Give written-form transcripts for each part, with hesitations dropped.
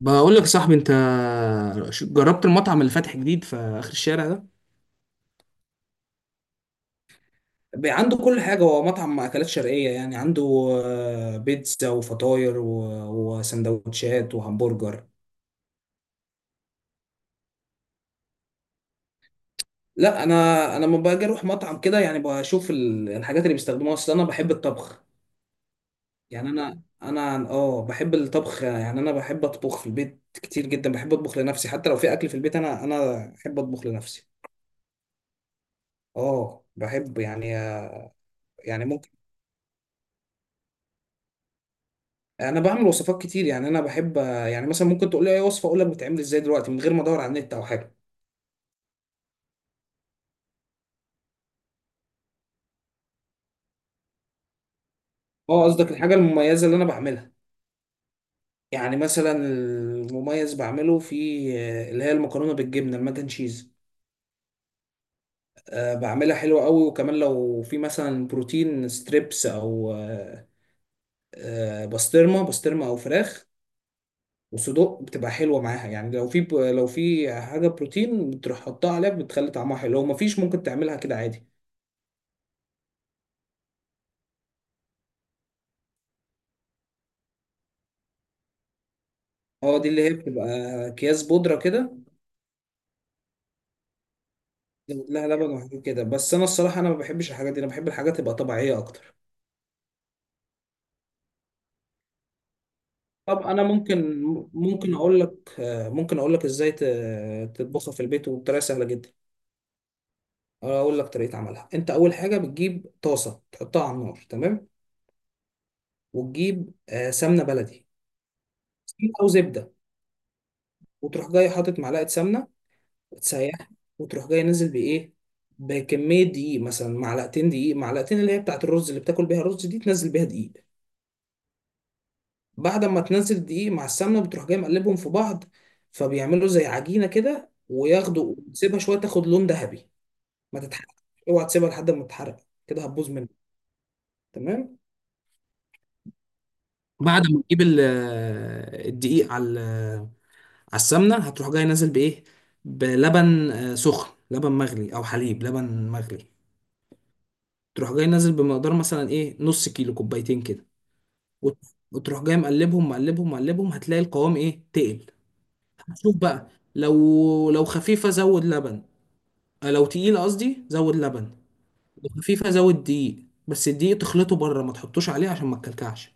بقول لك يا صاحبي انت، جربت المطعم اللي فاتح جديد في اخر الشارع ده؟ بقى عنده كل حاجة. هو مطعم أكلات شرقية، يعني عنده بيتزا وفطاير و- وسندوتشات وهمبرجر. لا، أنا لما باجي أروح مطعم كده يعني بشوف ال- الحاجات اللي بيستخدموها، أصل أنا بحب الطبخ. يعني أنا أنا آه بحب الطبخ، يعني أنا بحب أطبخ في البيت كتير جدا، بحب أطبخ لنفسي، حتى لو في أكل في البيت أنا أحب أطبخ لنفسي. بحب يعني. يعني ممكن. انا بعمل وصفات كتير، يعني انا بحب، يعني مثلا ممكن تقول لي اي وصفه اقول لك بتعمل ازاي دلوقتي من غير ما ادور على النت او حاجه. اه، قصدك الحاجه المميزه اللي انا بعملها. يعني مثلا المميز بعمله في اللي هي المكرونه بالجبنه، الماك اند تشيز. بعملها حلوه قوي، وكمان لو في مثلا بروتين ستريبس او بسطرمه او فراخ وصدوق بتبقى حلوه معاها. يعني لو في لو في حاجه بروتين بتروح حطها عليها بتخلي طعمها حلو، لو مفيش ممكن تعملها كده عادي. اه، دي اللي هي بتبقى اكياس بودره كده. لا، لبن وحاجات كده، بس انا الصراحه انا ما بحبش الحاجات دي، انا بحب الحاجات تبقى طبيعيه اكتر. طب انا ممكن. ممكن اقول لك آه، ممكن اقول لك ازاي تطبخها في البيت وبطريقه سهله جدا. اقول لك طريقه عملها. انت اول حاجه بتجيب طاسه تحطها على النار. تمام. وتجيب سمنه بلدي، سمنة او زبده، وتروح جاي حاطط معلقه سمنه وتسيحها، وتروح جاي نازل بايه، بكميه دقيق، مثلا معلقتين دقيق، معلقتين اللي هي بتاعت الرز اللي بتاكل بيها الرز دي، تنزل بيها دقيق. بعد ما تنزل دقيق مع السمنه بتروح جاي مقلبهم في بعض، فبيعملوا زي عجينه كده وياخدوا. تسيبها شويه تاخد لون ذهبي، ما تتحرق. اوعى تسيبها لحد ما تتحرق، كده هتبوظ منك. تمام. بعد ما تجيب الدقيق على السمنه، هتروح جاي نازل بايه، بلبن سخن، لبن مغلي او حليب، لبن مغلي. تروح جاي نازل بمقدار مثلا ايه، نص كيلو، كوبايتين كده. وت- وتروح جاي مقلبهم. هتلاقي القوام ايه، تقل. شوف بقى، لو خفيفة زود لبن. لو تقيلة قصدي زود لبن، لو خفيفة زود دقيق، بس الدقيق تخلطه بره ما تحطوش عليه عشان ما تكلكعش.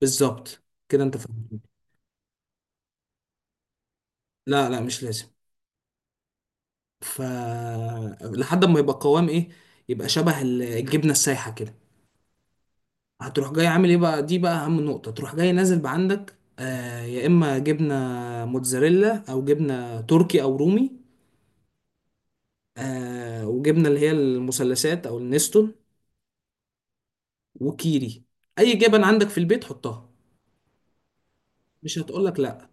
بالظبط، كده انت فاهم. لا لا، مش لازم. ف، لحد ما يبقى قوام ايه، يبقى شبه ال- الجبنة السايحة كده. هتروح جاي عامل ايه بقى، دي بقى اهم نقطة. تروح جاي نازل بعندك يا اما جبنة موتزاريلا او جبنة تركي او رومي. وجبنة اللي هي المثلثات او النستون وكيري، اي جبن عندك في البيت حطها، مش هتقولك لا.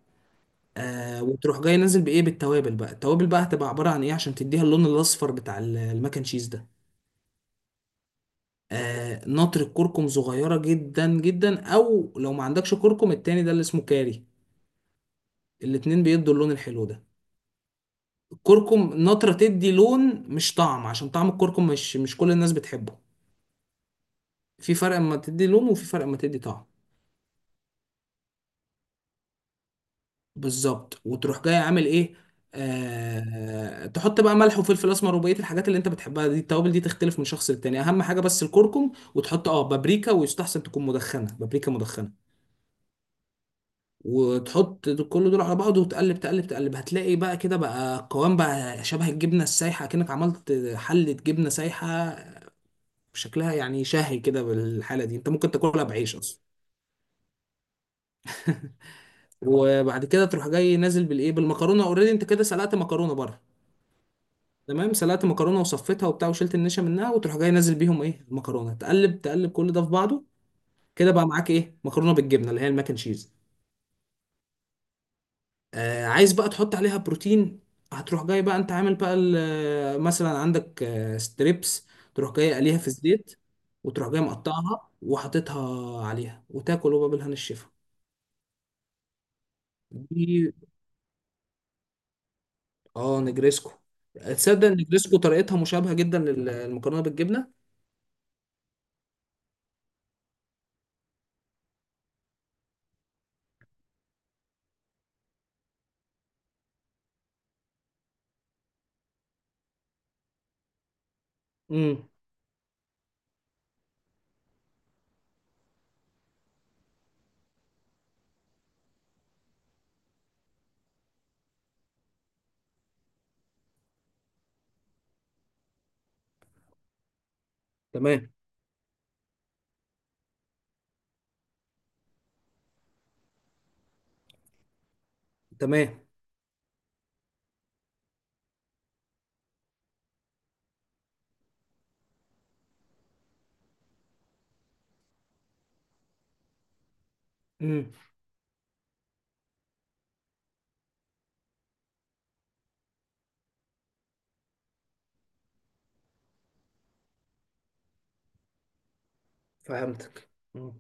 وتروح جاي نازل بايه، بالتوابل بقى. التوابل بقى هتبقى عباره عن ايه، عشان تديها اللون الاصفر بتاع ال- الماك اند تشيز ده. نطر الكركم صغيره جدا جدا، او لو ما عندكش كركم التاني ده اللي اسمه كاري، الاتنين بيدوا اللون الحلو ده. الكركم نطره تدي لون مش طعم، عشان طعم الكركم مش كل الناس بتحبه. في فرق اما تدي لون، وفي فرق اما تدي طعم. بالظبط. وتروح جاي عامل ايه، تحط بقى ملح وفلفل اسمر وبقيه الحاجات اللي انت بتحبها دي. التوابل دي تختلف من شخص للتاني، اهم حاجه بس الكركم، وتحط اه بابريكا، ويستحسن تكون مدخنه، بابريكا مدخنه. وتحط كل دول على بعض، وتقلب تقلب تقلب، هتلاقي بقى كده بقى قوام بقى شبه الجبنه السايحه، كأنك عملت حله جبنه سايحه. شكلها يعني شهي كده. بالحاله دي انت ممكن تاكلها بعيش اصلا. وبعد كده تروح جاي نازل بالايه، بالمكرونه. اوريدي انت كده سلقت مكرونه بره. تمام، سلقت مكرونه وصفيتها وبتاع، وشلت النشا منها، وتروح جاي نازل بيهم ايه المكرونه، تقلب تقلب كل ده في بعضه. كده بقى معاك ايه، مكرونه بالجبنه، اللي هي الماك اند تشيز. عايز بقى تحط عليها بروتين، هتروح جاي بقى انت عامل بقى مثلا عندك ستريبس، تروح جاي قليها في الزيت، وتروح جاي مقطعها وحاططها عليها وتاكل، وبقى بالهنا الشفا. دي، اه، نجريسكو. تصدق ان نجريسكو طريقتها مشابهه جدا للمكرونه بالجبنه. امم. تمام. تمام. مم. فهمتك. مم.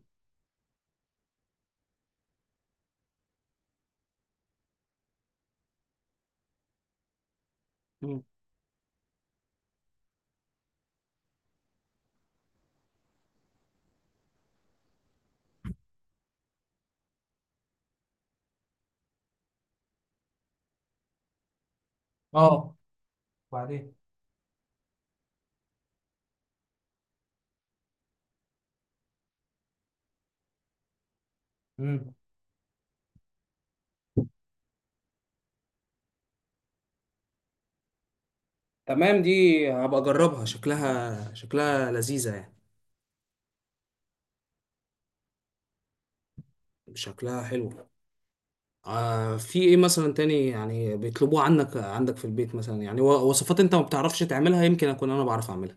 مم. اه. وبعدين. مم. تمام. دي هبقى اجربها، شكلها شكلها لذيذة يعني. شكلها حلو. في ايه مثلا تاني يعني بيطلبوه عنك عندك في البيت مثلا، يعني و- وصفات انت ما بتعرفش تعملها، يمكن اكون انا بعرف اعملها.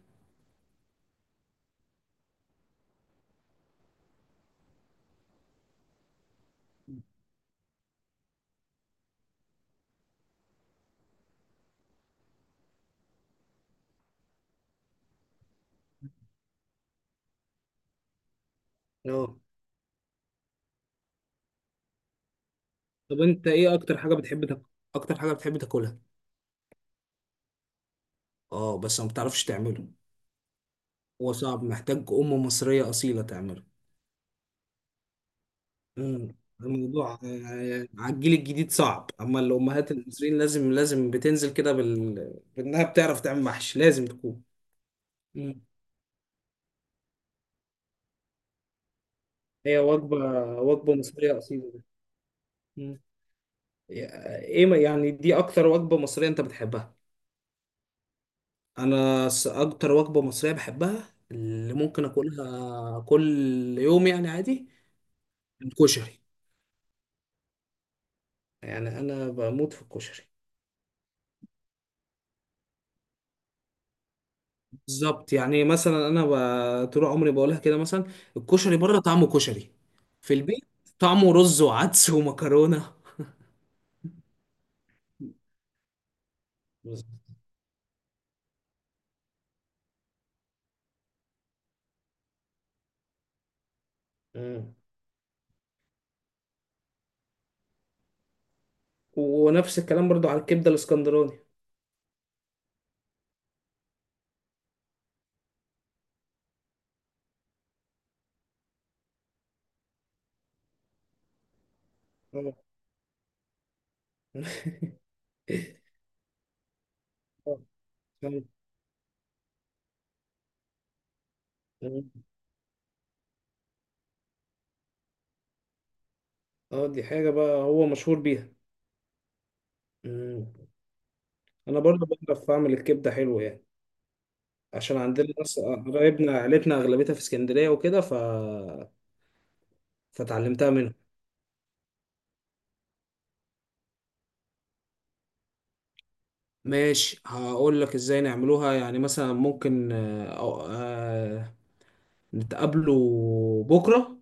اه. طب انت ايه اكتر حاجة بتحب اكتر حاجة بتحب تاكلها؟ اه بس ما بتعرفش تعمله. هو صعب، محتاج ام مصرية اصيلة تعمله. مم. الموضوع على الجيل الجديد صعب، اما الامهات المصريين لازم بتنزل كده بانها بتعرف تعمل محشي لازم تكون. مم. هي وجبه، وجبه مصريه اصيله. مم. يا- ايه ما- يعني دي اكتر وجبه مصريه انت بتحبها. انا اكتر وجبه مصريه بحبها اللي ممكن اكلها كل يوم يعني عادي، الكشري. يعني انا بموت في الكشري. بالظبط، يعني مثلا انا طول عمري بقولها كده، مثلا الكشري بره طعمه كشري، في البيت طعمه رز وعدس ومكرونه. بس- مم. ونفس الكلام برضو على الكبده الاسكندراني. آه، آه، فهمت. مم. اه، دي حاجه بقى هو مشهور بيها. مم. انا برضو بعرف اعمل الكبده حلو يعني، عشان عندنا ناس قرايبنا، عيلتنا اغلبيتها في اسكندريه وكده. فتعلمتها منهم. ماشي، هقول لك ازاي نعملوها. يعني مثلا ممكن نتقابلوا بكرة.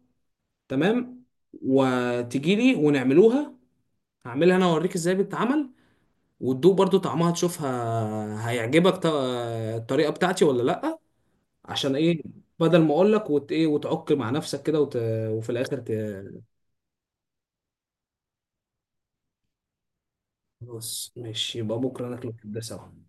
تمام. وتجي لي ونعملوها، هعملها انا اوريك ازاي بتتعمل، وتدوق برضو طعمها تشوفها هيعجبك، الطريقة بتاعتي ولا لأ. عشان ايه، بدل ما اقول لك وت ايه وتعك مع نفسك كده وفي الاخر خلاص ماشي، يبقى بكرة ناكله كده سوا.